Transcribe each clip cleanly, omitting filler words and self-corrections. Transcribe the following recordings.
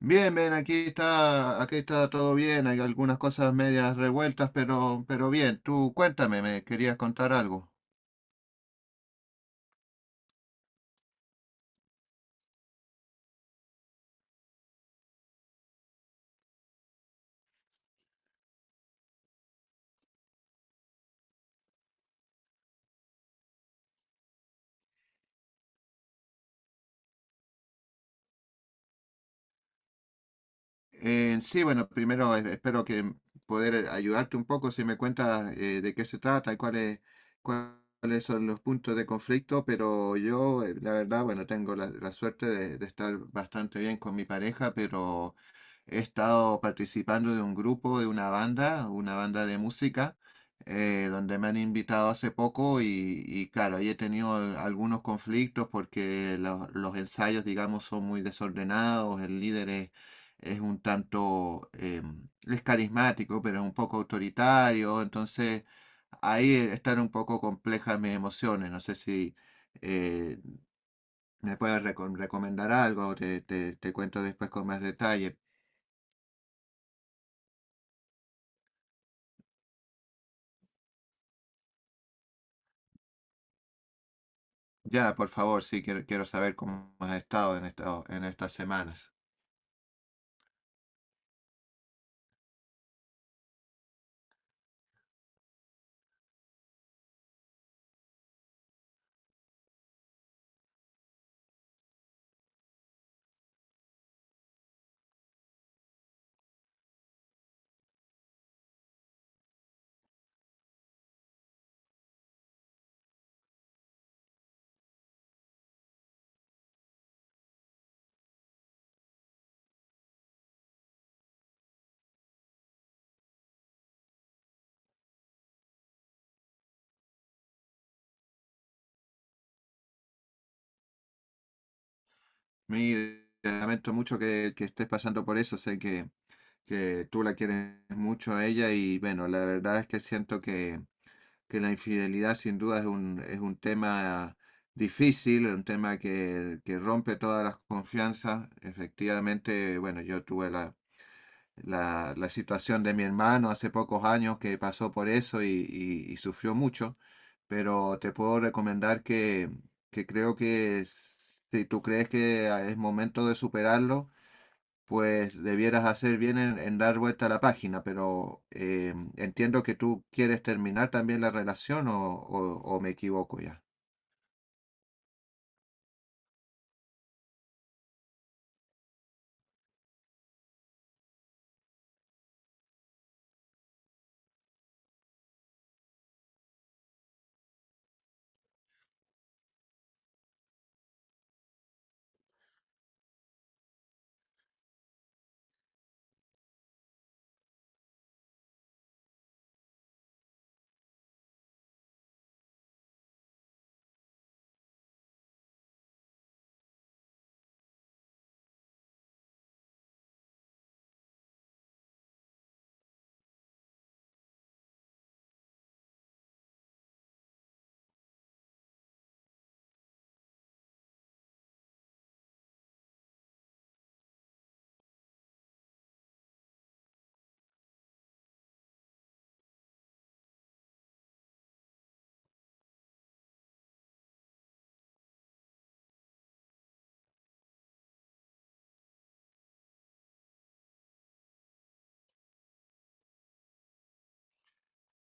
Bien, bien, aquí está todo bien, hay algunas cosas medias revueltas, pero bien, tú cuéntame, me querías contar algo. Sí, bueno, primero espero que poder ayudarte un poco si me cuentas de qué se trata y cuáles son los puntos de conflicto, pero yo, la verdad, bueno, tengo la suerte de estar bastante bien con mi pareja, pero he estado participando de un grupo, de una banda de música, donde me han invitado hace poco y claro, ahí he tenido algunos conflictos porque los ensayos, digamos, son muy desordenados, el líder es un tanto, es carismático, pero es un poco autoritario, entonces ahí están un poco complejas mis emociones, no sé si... eh, ¿Me puedes recomendar algo? Te, te cuento después con más detalle. Ya, por favor, sí, quiero, quiero saber cómo has estado en en estas semanas. Mire, lamento mucho que estés pasando por eso, sé que tú la quieres mucho a ella y bueno, la verdad es que siento que la infidelidad sin duda es un tema difícil, un tema que rompe todas las confianzas. Efectivamente, bueno, yo tuve la situación de mi hermano hace pocos años que pasó por eso y, y sufrió mucho, pero te puedo recomendar que creo que si tú crees que es momento de superarlo, pues debieras hacer bien en dar vuelta a la página, pero entiendo que tú quieres terminar también la relación o, o me equivoco ya.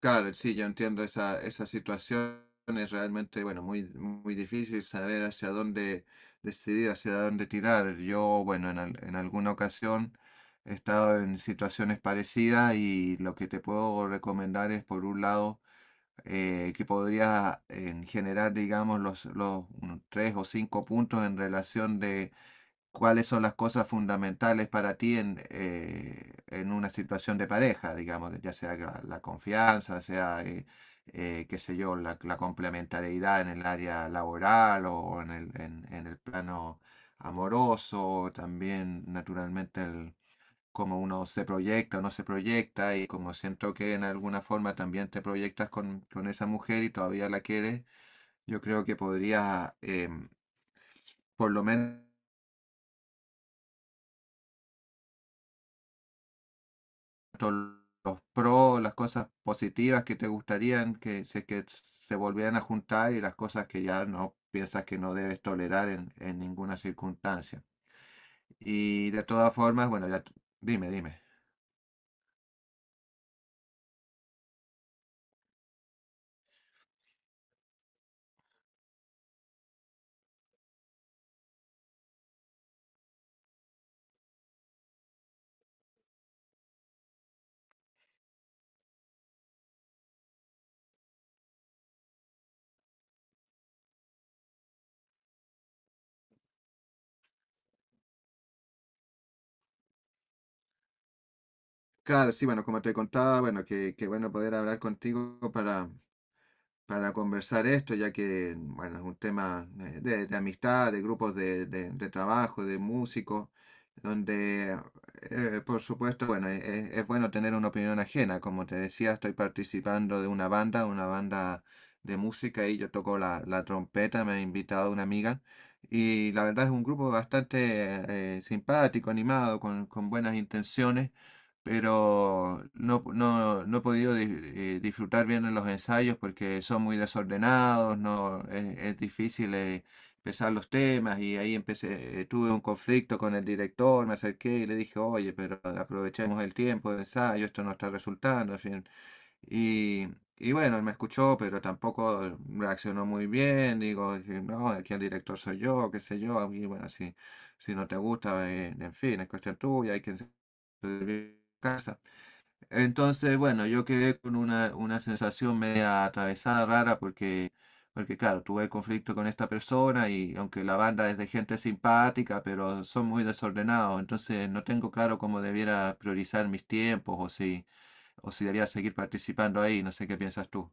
Claro, sí, yo entiendo esa, esa situación. Es realmente, bueno, muy, muy difícil saber hacia dónde decidir, hacia dónde tirar. Yo, bueno, en, en alguna ocasión he estado en situaciones parecidas y lo que te puedo recomendar es, por un lado, que podrías generar, digamos, los unos tres o cinco puntos en relación de cuáles son las cosas fundamentales para ti en una situación de pareja, digamos, ya sea la confianza, sea, qué sé yo, la complementariedad en el área laboral o en el plano amoroso, también naturalmente el, cómo uno se proyecta o no se proyecta y como siento que en alguna forma también te proyectas con esa mujer y todavía la quieres, yo creo que podrías, por lo menos los pros, las cosas positivas que te gustarían que se volvieran a juntar y las cosas que ya no piensas que no debes tolerar en ninguna circunstancia. Y de todas formas, bueno, ya dime, dime. Claro, sí, bueno, como te contaba, bueno, que bueno poder hablar contigo para conversar esto, ya que, bueno, es un tema de amistad, de grupos de, de trabajo, de músicos, donde, por supuesto, bueno, es, bueno tener una opinión ajena. Como te decía, estoy participando de una banda de música, y yo toco la trompeta, me ha invitado una amiga, y la verdad es un grupo bastante simpático, animado, con buenas intenciones pero no, no, no he podido disfrutar bien en los ensayos porque son muy desordenados, no, es difícil empezar los temas y ahí empecé, tuve un conflicto con el director, me acerqué y le dije, oye, pero aprovechemos el tiempo de ensayo, esto no está resultando, en fin. Y, y bueno, él me escuchó, pero tampoco reaccionó muy bien. Digo, dije, no, aquí el director soy yo, qué sé yo. Y bueno, si, si no te gusta, en fin, es cuestión tuya, hay que de casa. Entonces, bueno, yo quedé con una sensación media atravesada, rara, porque, porque claro, tuve conflicto con esta persona y aunque la banda es de gente simpática, pero son muy desordenados, entonces no tengo claro cómo debiera priorizar mis tiempos o si debiera seguir participando ahí, no sé qué piensas tú.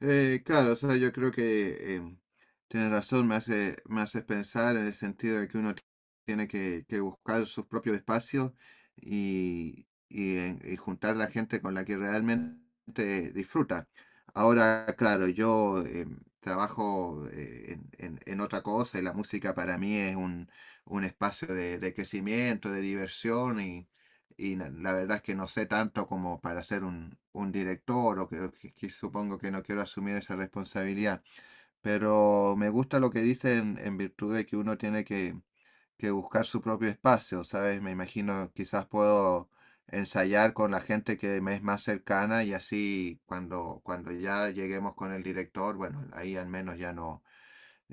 Claro, o sea, yo creo que tienes razón, me hace pensar en el sentido de que uno tiene que buscar sus propios espacios y, y juntar la gente con la que realmente disfruta. Ahora, claro, yo trabajo en, en otra cosa y la música para mí es un espacio de crecimiento, de diversión y la verdad es que no sé tanto como para ser un director o que, que supongo que no quiero asumir esa responsabilidad, pero me gusta lo que dicen en virtud de que uno tiene que buscar su propio espacio, ¿sabes? Me imagino quizás puedo ensayar con la gente que me es más cercana y así cuando, cuando ya lleguemos con el director, bueno, ahí al menos ya no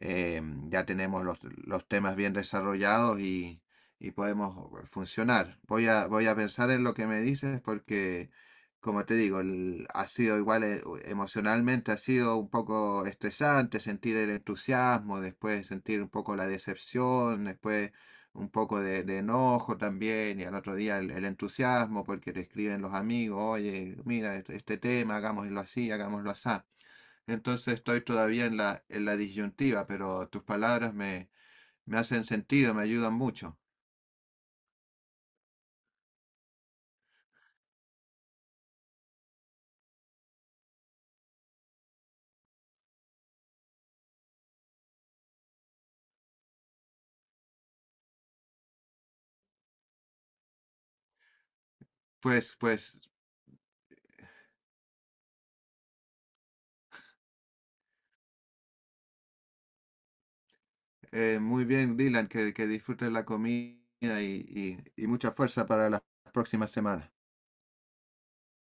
eh, ya tenemos los temas bien desarrollados y podemos funcionar. Voy a, voy a pensar en lo que me dices porque, como te digo, ha sido igual emocionalmente, ha sido un poco estresante sentir el entusiasmo, después sentir un poco la decepción, después un poco de enojo también y al otro día el entusiasmo porque te escriben los amigos, oye, mira, este tema, hagámoslo así, hagámoslo así. Entonces estoy todavía en la disyuntiva, pero tus palabras me, me hacen sentido, me ayudan mucho. Pues, pues, muy bien, Dylan, que disfrutes la comida y mucha fuerza para las próximas semanas.